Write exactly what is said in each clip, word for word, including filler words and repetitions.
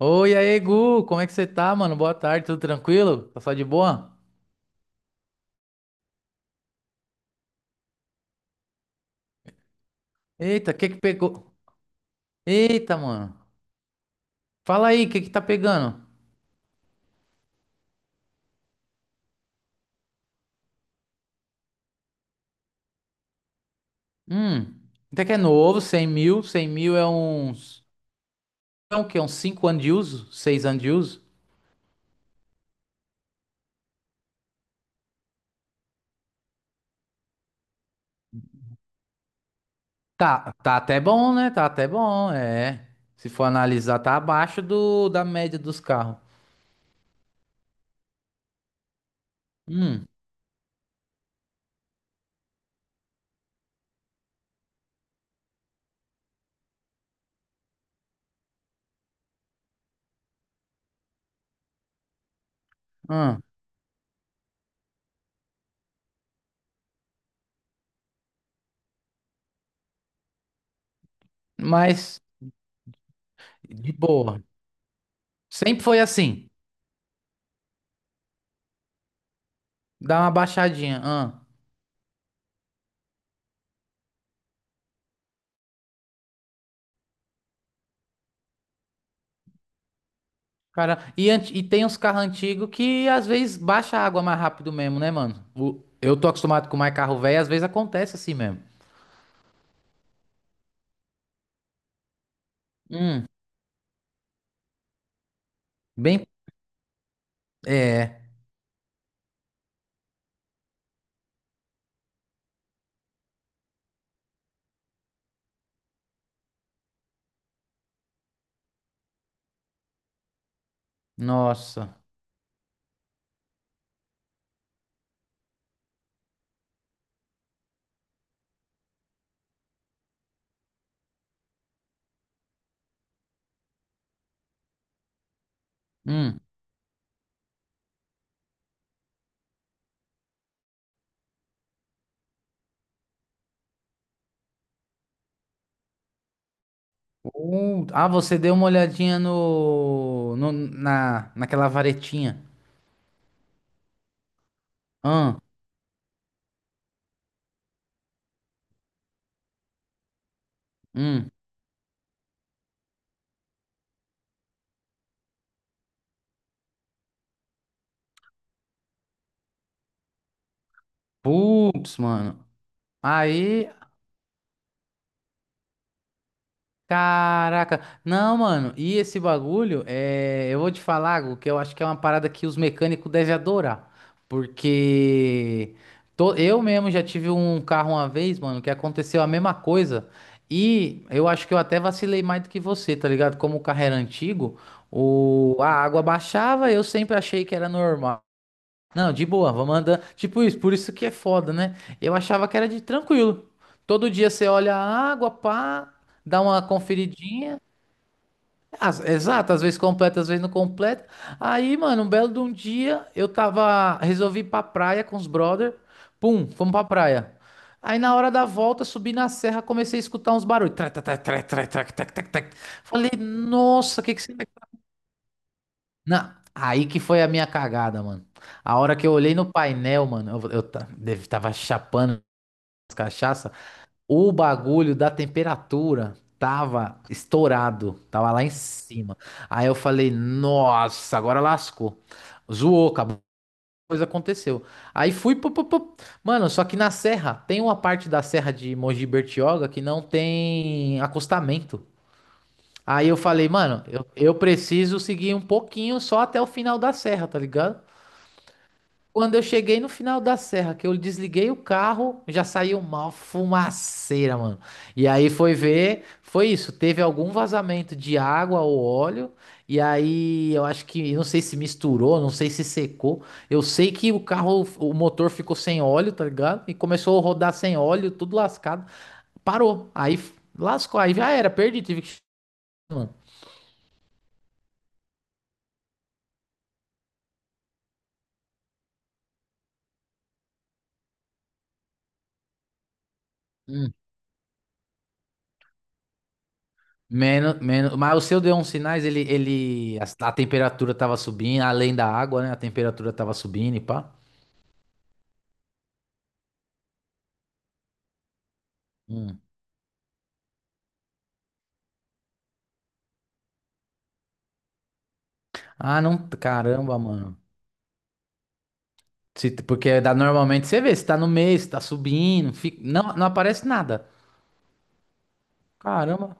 Oi, aí, Gu, como é que você tá, mano? Boa tarde, tudo tranquilo? Tá só de boa? Eita, o que que pegou? Eita, mano. Fala aí, o que que tá pegando? Hum, Até que é novo. Cem mil, cem mil é uns... É o quê? Uns cinco anos de uso? seis anos de uso? Tá, tá até bom, né? Tá até bom, é. Se for analisar, tá abaixo do, da média dos carros. Hum, hum. Mas, de boa. Sempre foi assim. Dá uma baixadinha. Hum. Cara, e, anti- e tem uns carros antigos que às vezes baixa a água mais rápido mesmo, né, mano? O- eu tô acostumado com mais carro velho, às vezes acontece assim mesmo. Hum, bem. É. Nossa. Hum. Uh, ah, você deu uma olhadinha no, no- na, naquela varetinha. Hum, hum. Putz, mano. Aí. Caraca, não, mano, e esse bagulho, é, eu vou te falar algo que eu acho que é uma parada que os mecânicos devem adorar, porque to- eu mesmo já tive um carro uma vez, mano, que aconteceu a mesma coisa, e eu acho que eu até vacilei mais do que você, tá ligado? Como o carro era antigo, o... a água baixava, eu sempre achei que era normal. Não, de boa, vamos andando. Tipo isso, por isso que é foda, né? Eu achava que era de tranquilo. Todo dia você olha a água, pá, dá uma conferidinha. Às- exato, às vezes completa, às vezes não completa. Aí, mano, um belo de um dia, eu tava, resolvi ir pra praia com os brother. Pum, fomos pra praia. Aí na hora da volta, subi na serra, comecei a escutar uns barulhos. Trac, trac, trac, trac, trac, trac, trac, trac. Falei, nossa, o que que será? Não, aí que foi a minha cagada, mano. A hora que eu olhei no painel, mano, eu, eu ta- deve- tava chapando as cachaça, o bagulho da temperatura tava estourado, tava lá em cima. Aí eu falei, nossa, agora lascou. Zoou, acabou. Coisa aconteceu. Aí fui, pu, pu, pu. Mano, só que na serra, tem uma parte da serra de Mogi Bertioga que não tem acostamento. Aí eu falei, mano, eu, eu preciso seguir um pouquinho só até o final da serra, tá ligado? Quando eu cheguei no final da serra, que eu desliguei o carro, já saiu uma fumaceira, mano. E aí foi ver, foi isso. Teve algum vazamento de água ou óleo. E aí eu acho que, não sei se misturou, não sei se secou. Eu sei que o carro, o motor ficou sem óleo, tá ligado? E começou a rodar sem óleo, tudo lascado. Parou. Aí f- lascou, aí já era, perdi, tive que. Mano. Menos, menos, mas o seu deu uns sinais, ele, ele, a, a temperatura tava subindo, além da água, né? A temperatura tava subindo e pá. Hum. Ah, não, caramba, mano. Se- porque dá, normalmente você vê, se tá no meio, se tá subindo, fica, não, não aparece nada. Caramba.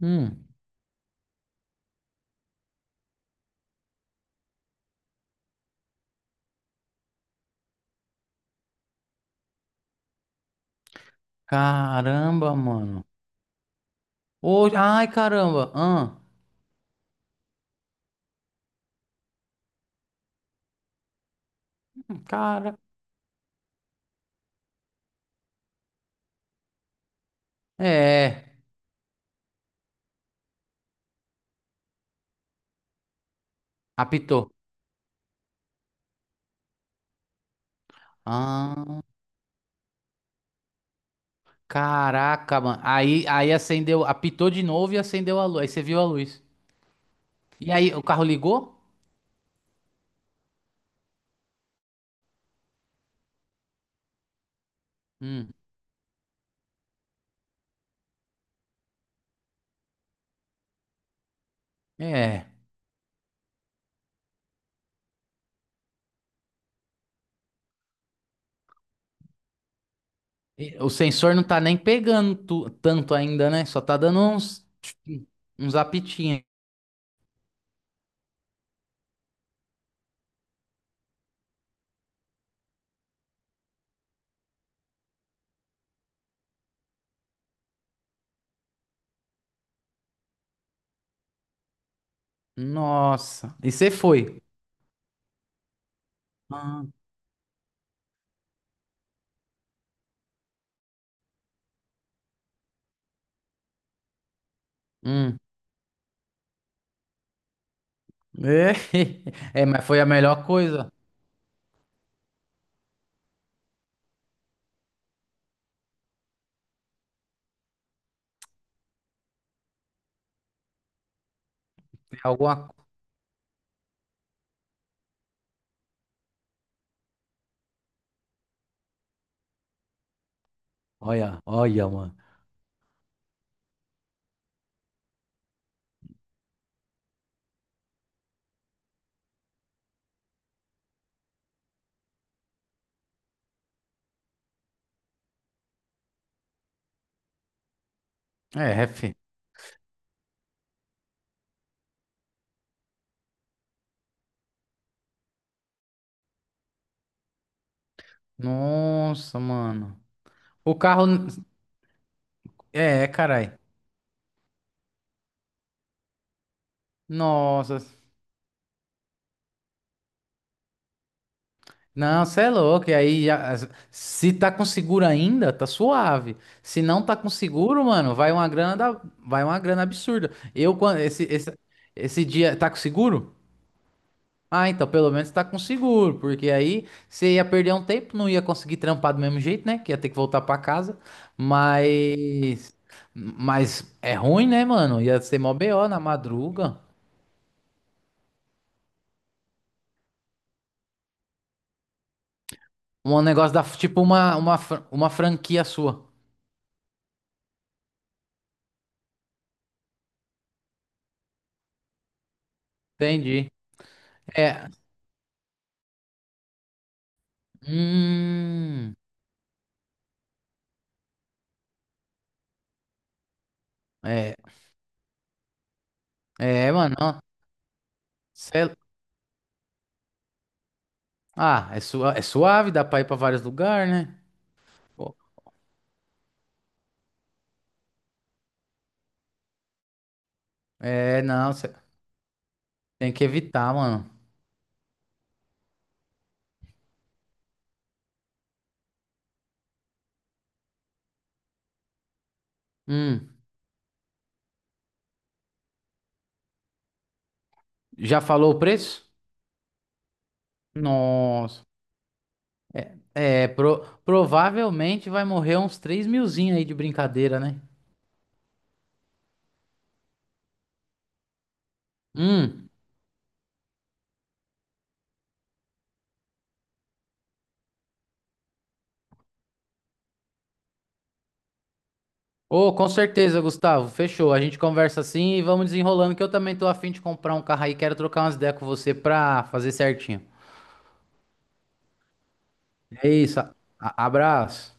Hum. Caramba, mano. Hoje, ai, caramba. Ah. Hum, cara. É, apitou. Ah, caraca, mano. Aí, aí acendeu, apitou de novo e acendeu a luz. Aí você viu a luz. E aí, o carro ligou? Hum, é. E o sensor não tá nem pegando tu- tanto ainda, né? Só tá dando uns, uns apitinhos. Nossa. E você foi? Ah, hum. É, é, mas foi a melhor coisa. Tem alguma. Olha, olha, mano. É, fi. Nossa, mano. O carro. É, é, carai. Nossa. Não, você é louco. E aí, já- se tá com seguro ainda, tá suave. Se não tá com seguro, mano, vai uma grana, da- vai uma grana absurda. Eu, quando esse, esse, esse dia, tá com seguro? Ah, então pelo menos tá com seguro, porque aí você ia perder um tempo, não ia conseguir trampar do mesmo jeito, né? Que ia ter que voltar pra casa. Mas, mas é ruim, né, mano? Ia ser mó B O na madruga. Um negócio da, tipo uma, uma, fran- uma franquia sua. Entendi. É, Hum, é, é, Mano, ó, cê- ah, é, sua, é suave, dá pra ir pra vários lugares, né? Pô, é, não, cê tem que evitar, mano. Hum, Já falou o preço? Nossa, é, pro, provavelmente vai morrer uns três milzinho aí de brincadeira, né? Hum, Ô, com certeza, Gustavo, fechou, a gente conversa assim e vamos desenrolando, que eu também tô afim de comprar um carro aí, quero trocar umas ideias com você pra fazer certinho. É isso, a- abraço.